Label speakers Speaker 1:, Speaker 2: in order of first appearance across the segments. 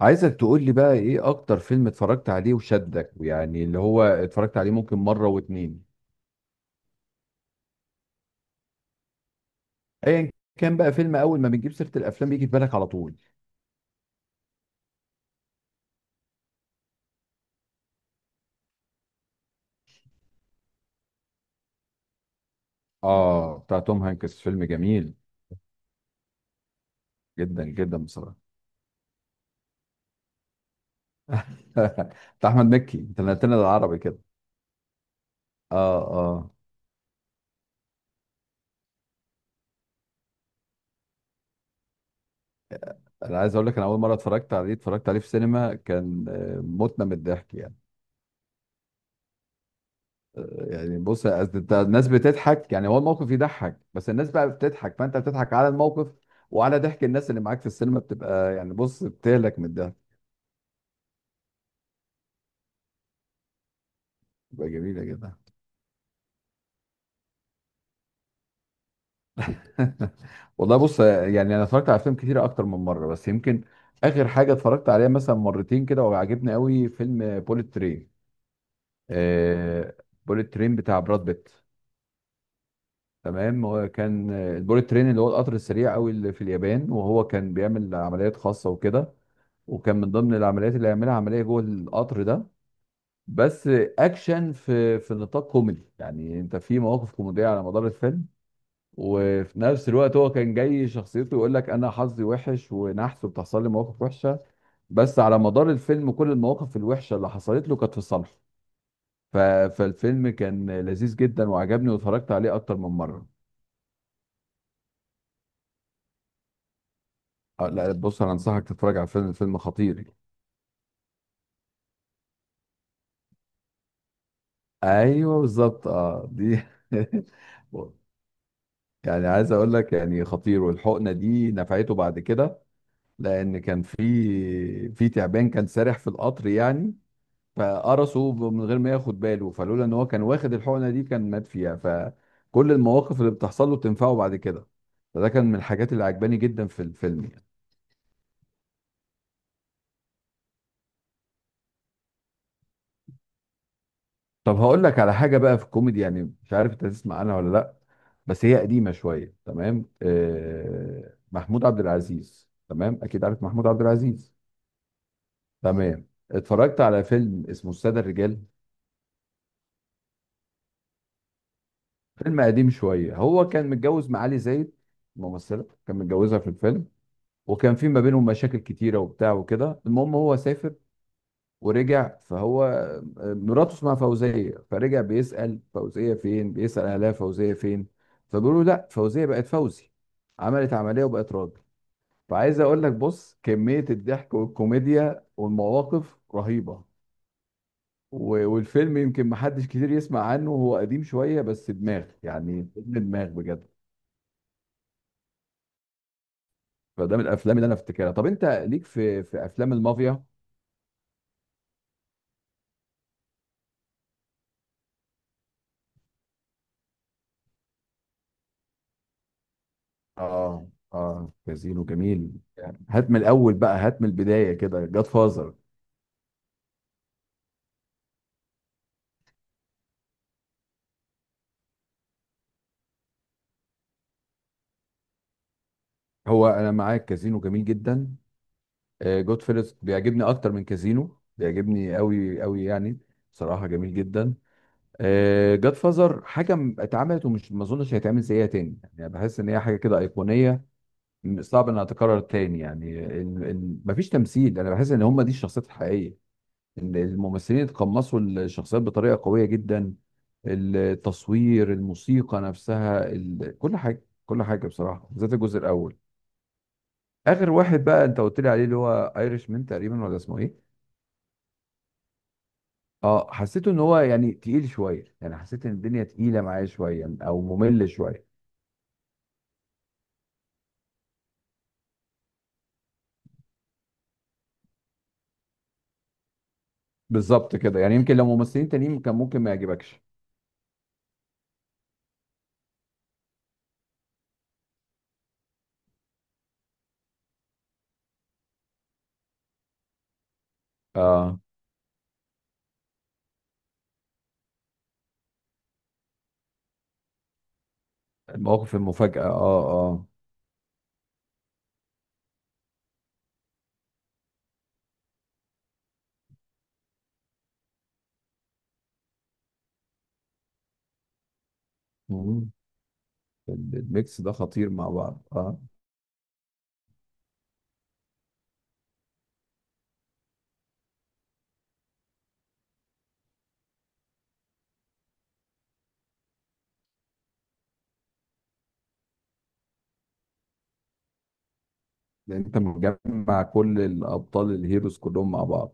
Speaker 1: عايزك تقول لي بقى ايه اكتر فيلم اتفرجت عليه وشدك ويعني اللي هو اتفرجت عليه ممكن مرة واتنين. ايا كان بقى فيلم اول ما بنجيب سيرة الافلام بيجي في بالك على طول. اه، بتاع توم هانكس فيلم جميل جدا جدا بصراحة. بتاع احمد مكي، انت نقلت لنا العربي كده. اه اه. انا عايز اقول لك، انا اول مرة اتفرجت عليه في سينما، كان متنا من الضحك يعني. يعني بص، أصل انت الناس بتضحك، يعني هو الموقف يضحك بس الناس بقى بتضحك فانت بتضحك على الموقف وعلى ضحك الناس اللي معاك في السينما، بتبقى يعني بص بتهلك من الضحك. بتبقى جميله جدا. والله بص يعني انا اتفرجت على افلام كتيره اكتر من مره، بس يمكن اخر حاجه اتفرجت عليها مثلا مرتين كده وعجبني قوي فيلم بوليت ترين. آه، بوليت ترين بتاع براد بيت. تمام، هو كان البوليت ترين اللي هو القطر السريع قوي اللي في اليابان، وهو كان بيعمل عمليات خاصه وكده، وكان من ضمن العمليات اللي هيعملها عمليه جوه القطر ده. بس اكشن في نطاق كوميدي، يعني انت في مواقف كوميديه على مدار الفيلم، وفي نفس الوقت هو كان جاي شخصيته يقول لك انا حظي وحش ونحس وبتحصل لي مواقف وحشه، بس على مدار الفيلم كل المواقف الوحشه اللي حصلت له كانت في صالحه. ف- فالفيلم كان لذيذ جدا وعجبني واتفرجت عليه اكتر من مره. لا بص انا انصحك تتفرج على فيلم خطير يعني. ايوه بالظبط، اه دي. يعني عايز اقول لك، يعني خطير، والحقنه دي نفعته بعد كده، لان كان في تعبان كان سارح في القطر يعني، فقرصه من غير ما ياخد باله، فلولا ان هو كان واخد الحقنه دي كان مات فيها، فكل المواقف اللي بتحصل له بتنفعه بعد كده. فده كان من الحاجات اللي عجباني جدا في الفيلم. طب هقول لك على حاجه بقى في الكوميدي، يعني مش عارف انت تسمع عنها ولا لا، بس هي قديمه شويه. تمام، محمود عبد العزيز، تمام اكيد عارف محمود عبد العزيز. تمام، اتفرجت على فيلم اسمه الساده الرجال. فيلم قديم شويه، هو كان متجوز معالي زايد، ممثله كان متجوزها في الفيلم، وكان في ما بينهم مشاكل كتيره وبتاع وكده. المهم هو سافر ورجع، فهو مراته اسمها فوزية، فرجع بيسأل فوزية فين، بيسأل أهلها فوزية فين، فبيقولوا لا، فوزية بقت فوزي، عملت عملية وبقت راجل. فعايز أقول لك بص كمية الضحك والكوميديا والمواقف رهيبة. والفيلم يمكن محدش كتير يسمع عنه، هو قديم شوية بس دماغ، يعني فيلم دماغ بجد. فده من الأفلام اللي أنا أفتكرها. طب أنت ليك في أفلام المافيا؟ اه اه، كازينو جميل يعني. هات من الأول بقى، هات من البداية كده، جاد فازر. هو انا معاك، كازينو جميل جدا. جود فيلز بيعجبني اكتر من كازينو، بيعجبني قوي قوي يعني، بصراحه جميل جدا. جاد فازر حاجه اتعملت ومش، ما اظنش هيتعمل زيها تاني يعني، بحس ان هي حاجه كده ايقونيه. صعب انها تتكرر تاني يعني. مفيش تمثيل، انا بحس ان هم دي الشخصيات الحقيقيه، ان الممثلين اتقمصوا الشخصيات بطريقه قويه جدا. التصوير، الموسيقى نفسها، كل حاجه كل حاجه بصراحه، بالذات الجزء الاول. اخر واحد بقى انت قلت لي عليه اللي هو ايرش مان تقريبا، ولا اسمه ايه؟ اه، حسيته ان هو يعني تقيل شويه، يعني حسيت ان الدنيا تقيله معايا شويه او ممل شويه. بالظبط كده، يعني يمكن لو ممثلين تانيين كان ممكن ما يعجبكش. اه، المواقف المفاجاه، اه اه. مم. الميكس ده خطير مع بعض اه، لان انت مجمع كل الابطال الهيروز كلهم مع بعض.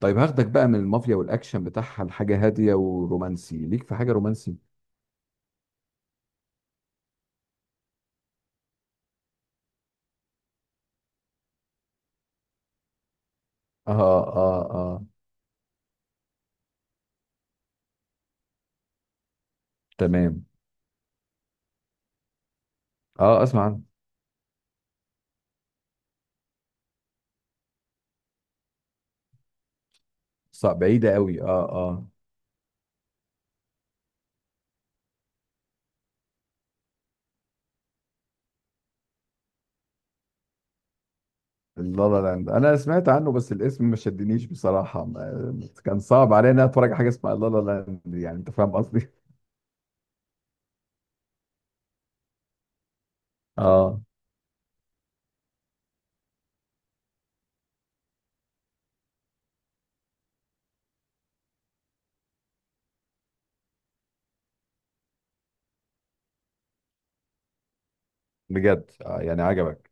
Speaker 1: طيب هاخدك بقى من المافيا والاكشن بتاعها لحاجه هاديه ورومانسي، ليك في حاجه رومانسي؟ اه اه اه، تمام. اه اسمع عنها. صعب بعيدة قوي اه اه. لا لا لاند انا سمعت عنه بس الاسم ما شدنيش بصراحة، كان صعب عليا ان انا اتفرج على حاجة اسمها لا لا لاند، يعني انت فاهم قصدي. اه. بجد آه، يعني عجبك؟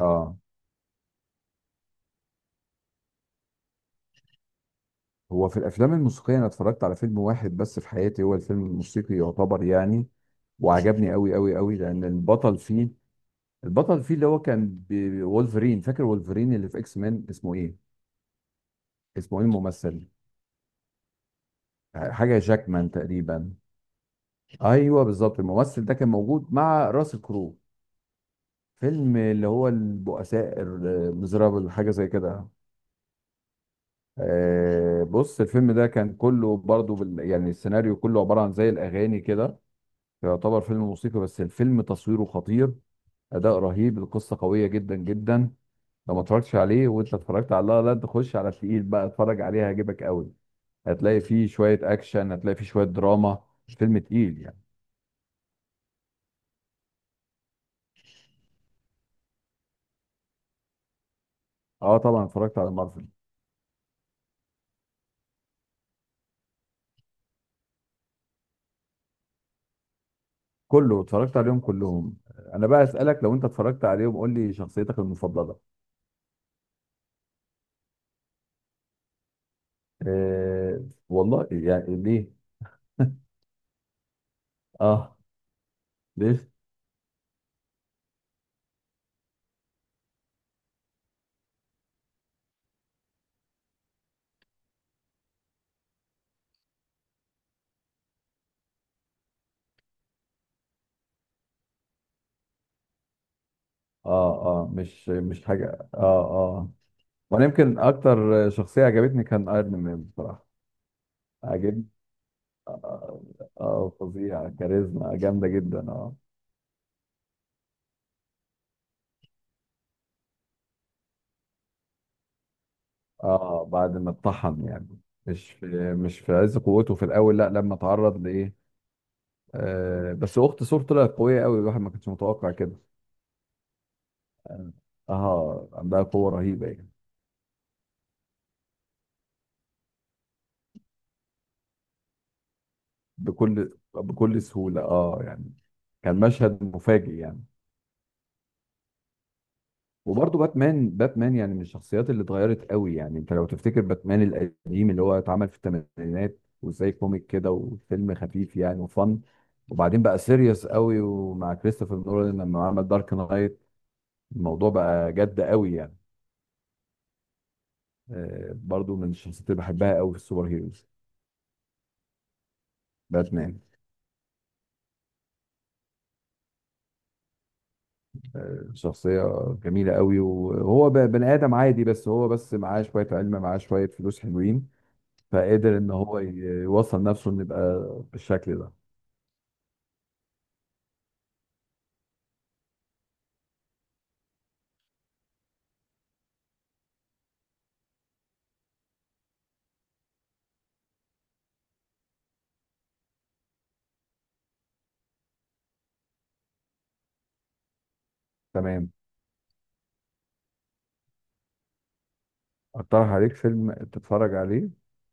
Speaker 1: اه. هو في الافلام الموسيقية انا اتفرجت على فيلم واحد بس في حياتي هو الفيلم الموسيقي يعتبر يعني، وعجبني قوي قوي قوي، لان البطل فيه، البطل فيه اللي هو كان وولفرين. فاكر وولفرين اللي في اكس مان اسمه ايه؟ الممثل، حاجة جاكمان تقريبا. ايوه بالظبط، الممثل ده كان موجود مع راسل كرو، فيلم اللي هو البؤساء المزرابل حاجه زي كده. آه، بص الفيلم ده كان كله برضو يعني السيناريو كله عباره عن زي الاغاني كده، يعتبر فيلم موسيقي، بس الفيلم تصويره خطير، اداء رهيب، القصه قويه جدا جدا. لو ما اتفرجتش عليه وانت اتفرجت على لا لا، تخش على التقيل بقى، اتفرج عليه هيعجبك قوي. هتلاقي فيه شويه اكشن، هتلاقي فيه شويه دراما، الفيلم تقيل يعني. اه طبعا اتفرجت على مارفل كله، اتفرجت عليهم كلهم. انا بقى اسالك، لو انت اتفرجت عليهم قول لي شخصيتك المفضله. أه والله، يعني ليه؟ اه، ليه؟ اه اه، مش حاجه، اه، اه. وانا يمكن اكتر شخصيه عجبتني كان ايرون مان بصراحه. عجبني اه. آه، فظيع، كاريزما جامده جدا اه. اه، بعد ما اتطحن يعني، مش في عز قوته في الاول، لا، لما اتعرض لايه. آه بس اخت ثور طلعت قويه قوي، الواحد ما كانش متوقع كده. اه، عندها قوة رهيبة يعني. بكل سهولة اه يعني، كان مشهد مفاجئ يعني. وبرضه باتمان يعني من الشخصيات اللي اتغيرت قوي، يعني انت لو تفتكر باتمان القديم اللي هو اتعمل في الثمانينات وزي كوميك كده وفيلم خفيف يعني وفن، وبعدين بقى سيريس قوي، ومع كريستوفر نولان لما عمل دارك نايت الموضوع بقى جد قوي يعني. آه، برضه من الشخصيات اللي بحبها قوي في السوبر هيروز باتمان. شخصية جميلة قوي، وهو بني آدم عادي بس، هو بس معاه شوية علم، معاه شوية فلوس حلوين، فقدر إن هو يوصل نفسه إنه يبقى بالشكل ده. تمام. أقترح عليك فيلم تتفرج عليه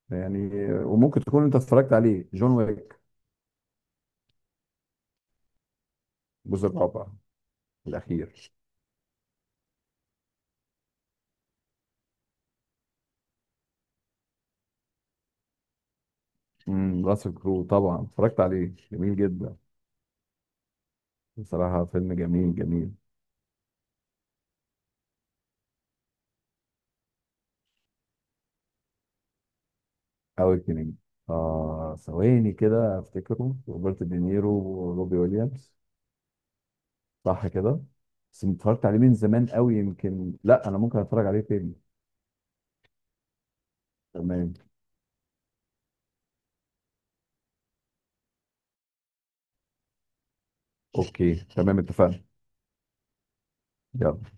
Speaker 1: يعني، وممكن تكون أنت اتفرجت عليه، جون ويك. الجزء الرابع. الأخير. راسل كرو، طبعا اتفرجت عليه، جميل جدا. بصراحة فيلم جميل جميل. أوي، آه، ثواني كده أفتكره، روبرت دينيرو وروبي ويليامز، صح كده؟ بس اتفرجت عليه من زمان قوي يمكن، لا انا ممكن اتفرج عليه تاني. تمام. اوكي تمام، اتفقنا. يلا.